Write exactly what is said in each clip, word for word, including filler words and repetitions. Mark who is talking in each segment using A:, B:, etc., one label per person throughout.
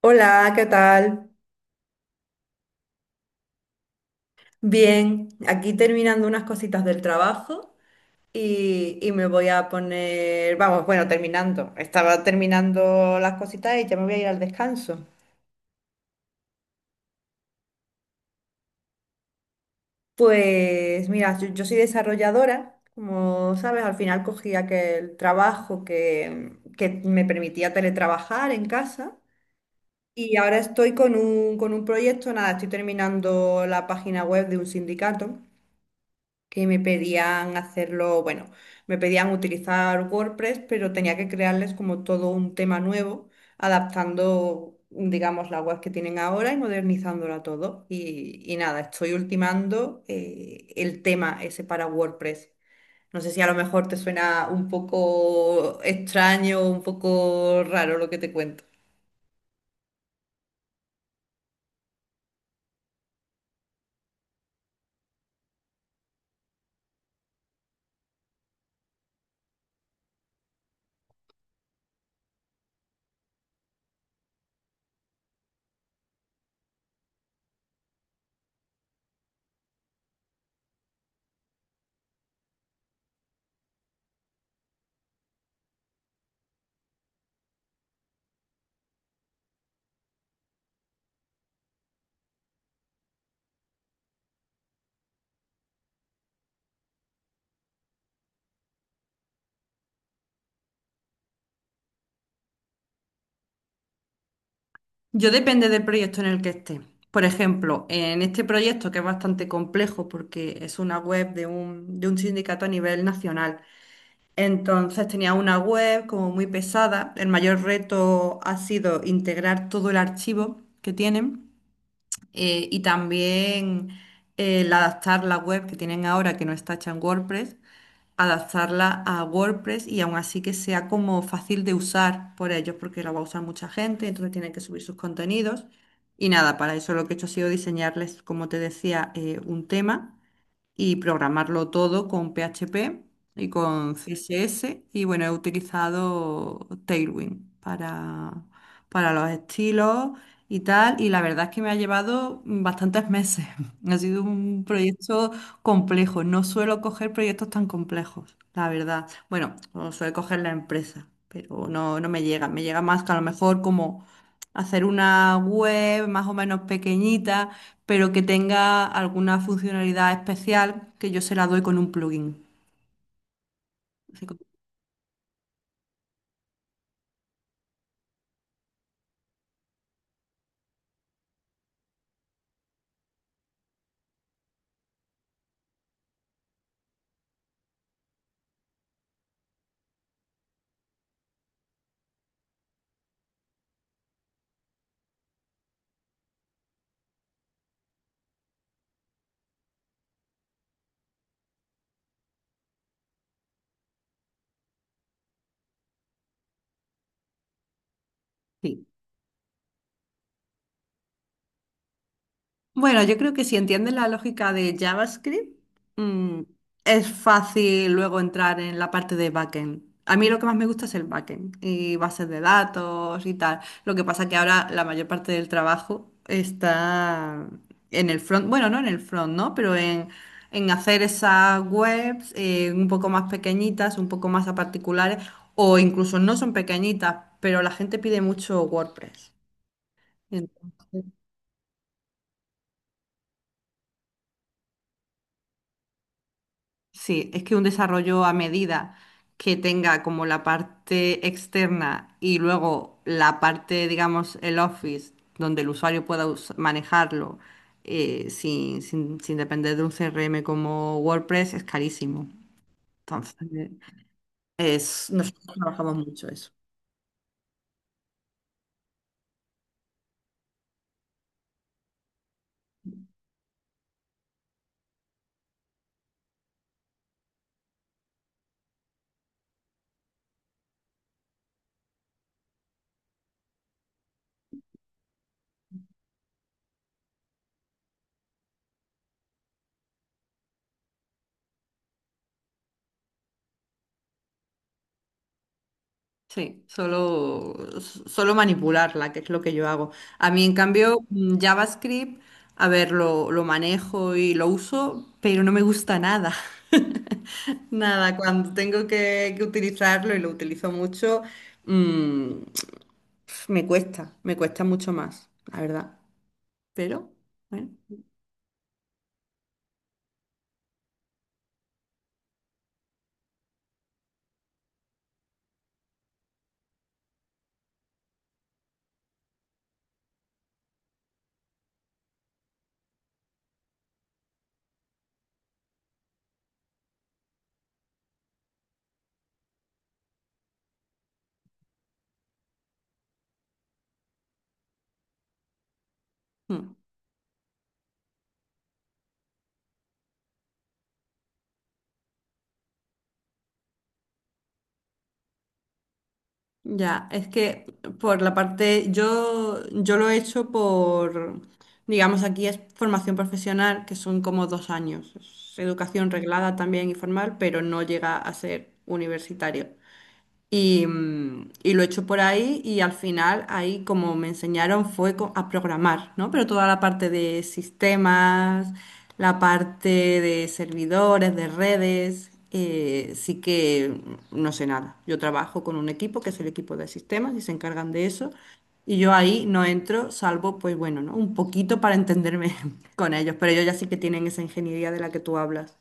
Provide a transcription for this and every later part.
A: Hola, ¿qué tal? Bien, aquí terminando unas cositas del trabajo y, y me voy a poner, vamos, bueno, terminando. Estaba terminando las cositas y ya me voy a ir al descanso. Pues mira, yo, yo soy desarrolladora, como sabes, al final cogí aquel trabajo que, que me permitía teletrabajar en casa. Y ahora estoy con un, con un proyecto, nada, estoy terminando la página web de un sindicato que me pedían hacerlo, bueno, me pedían utilizar WordPress, pero tenía que crearles como todo un tema nuevo, adaptando, digamos, la web que tienen ahora y modernizándola todo. Y, y nada, estoy ultimando eh, el tema ese para WordPress. No sé si a lo mejor te suena un poco extraño, un poco raro lo que te cuento. Yo depende del proyecto en el que esté. Por ejemplo, en este proyecto que es bastante complejo porque es una web de un, de un sindicato a nivel nacional. Entonces tenía una web como muy pesada. El mayor reto ha sido integrar todo el archivo que tienen, eh, y también eh, el adaptar la web que tienen ahora que no está hecha en WordPress, adaptarla a WordPress y aún así que sea como fácil de usar por ellos, porque la va a usar mucha gente, entonces tienen que subir sus contenidos. Y nada, para eso lo que he hecho ha sido diseñarles, como te decía, eh, un tema y programarlo todo con P H P y con C S S. Y bueno, he utilizado Tailwind para, para los estilos y tal. Y la verdad es que me ha llevado bastantes meses. Ha sido un proyecto complejo. No suelo coger proyectos tan complejos, la verdad. Bueno, lo suele coger la empresa, pero no, no me llega. Me llega más que a lo mejor como hacer una web más o menos pequeñita, pero que tenga alguna funcionalidad especial que yo se la doy con un plugin. Así como... Sí. Bueno, yo creo que si entiendes la lógica de JavaScript, mm, es fácil luego entrar en la parte de backend. A mí lo que más me gusta es el backend y bases de datos y tal. Lo que pasa que ahora la mayor parte del trabajo está en el front, bueno, no en el front, ¿no? Pero en, en hacer esas webs eh, un poco más pequeñitas, un poco más a particulares, o incluso no son pequeñitas, pero la gente pide mucho WordPress. Entonces, sí, es que un desarrollo a medida que tenga como la parte externa y luego la parte, digamos, el office, donde el usuario pueda us- manejarlo, eh, sin, sin- sin depender de un C R M como WordPress, es carísimo. Entonces, es, nosotros trabajamos mucho eso. Sí, solo, solo manipularla, que es lo que yo hago. A mí, en cambio, mm, JavaScript, a ver, lo, lo manejo y lo uso, pero no me gusta nada. Nada, cuando tengo que, que utilizarlo y lo utilizo mucho, mm, me cuesta, me cuesta mucho más, la verdad. Pero bueno. mm. Ya, es que por la parte, yo, yo lo he hecho por, digamos, aquí es formación profesional, que son como dos años. Es educación reglada también y formal, pero no llega a ser universitario. Y, mm, y lo he hecho por ahí y al final ahí como me enseñaron fue co- a programar, ¿no? Pero toda la parte de sistemas, la parte de servidores, de redes, eh, sí que mm, no sé nada. Yo trabajo con un equipo que es el equipo de sistemas y se encargan de eso. Y yo ahí no entro, salvo, pues bueno, ¿no? Un poquito para entenderme con ellos, pero ellos ya sí que tienen esa ingeniería de la que tú hablas.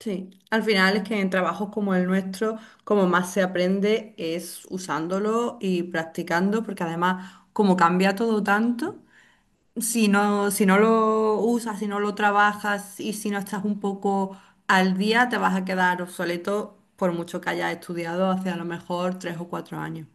A: Sí, al final es que en trabajos como el nuestro, como más se aprende es usándolo y practicando, porque además como cambia todo tanto, si no, si no lo usas, si no lo trabajas y si no estás un poco al día, te vas a quedar obsoleto por mucho que hayas estudiado hace a lo mejor tres o cuatro años.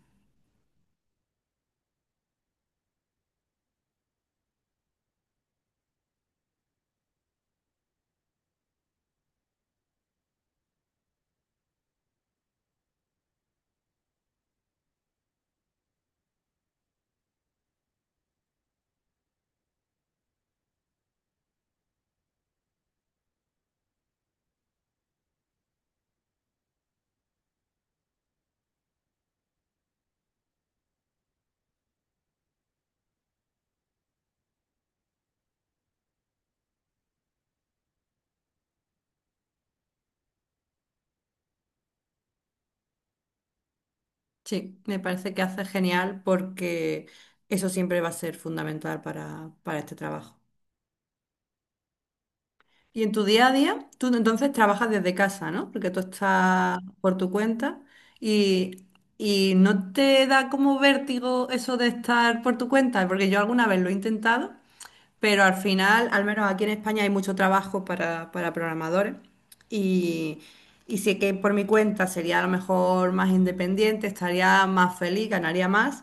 A: Sí, me parece que hace genial porque eso siempre va a ser fundamental para, para este trabajo. Y en tu día a día, tú entonces trabajas desde casa, ¿no? Porque tú estás por tu cuenta y, y no te da como vértigo eso de estar por tu cuenta, porque yo alguna vez lo he intentado, pero al final, al menos aquí en España hay mucho trabajo para, para programadores y, y sé que por mi cuenta sería a lo mejor más independiente, estaría más feliz, ganaría más,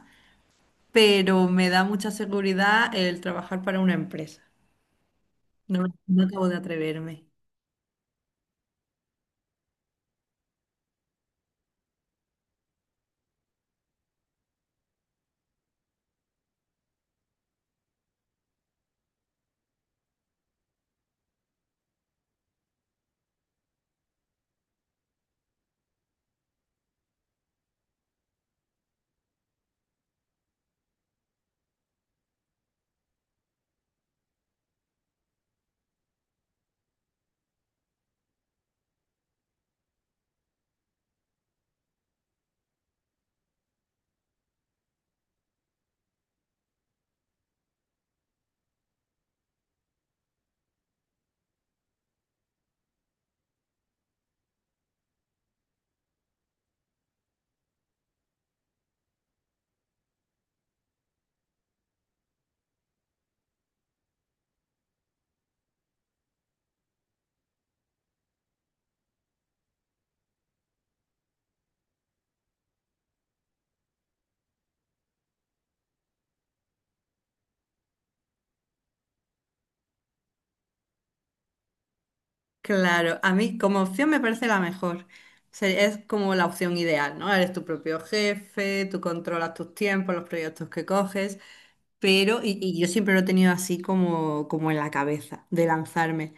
A: pero me da mucha seguridad el trabajar para una empresa. No, no acabo de atreverme. Claro, a mí como opción me parece la mejor. O es como la opción ideal, ¿no? Eres tu propio jefe, tú controlas tus tiempos, los proyectos que coges, pero, y, y yo siempre lo he tenido así como, como en la cabeza, de lanzarme,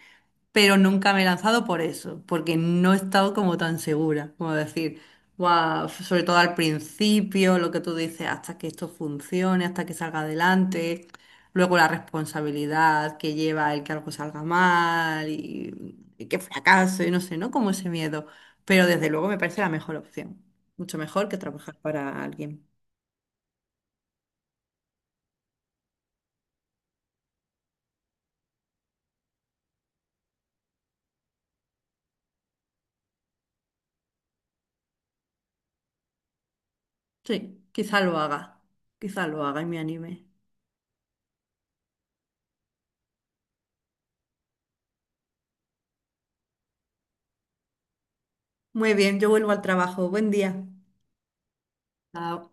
A: pero nunca me he lanzado por eso, porque no he estado como tan segura, como decir, "Guau", sobre todo al principio, lo que tú dices, hasta que esto funcione, hasta que salga adelante, luego la responsabilidad que lleva el que algo salga mal y, y que fracaso y no sé, ¿no? Como ese miedo, pero desde luego me parece la mejor opción, mucho mejor que trabajar para alguien. Sí, quizá lo haga, quizá lo haga y me anime. Muy bien, yo vuelvo al trabajo, buen día. Chao.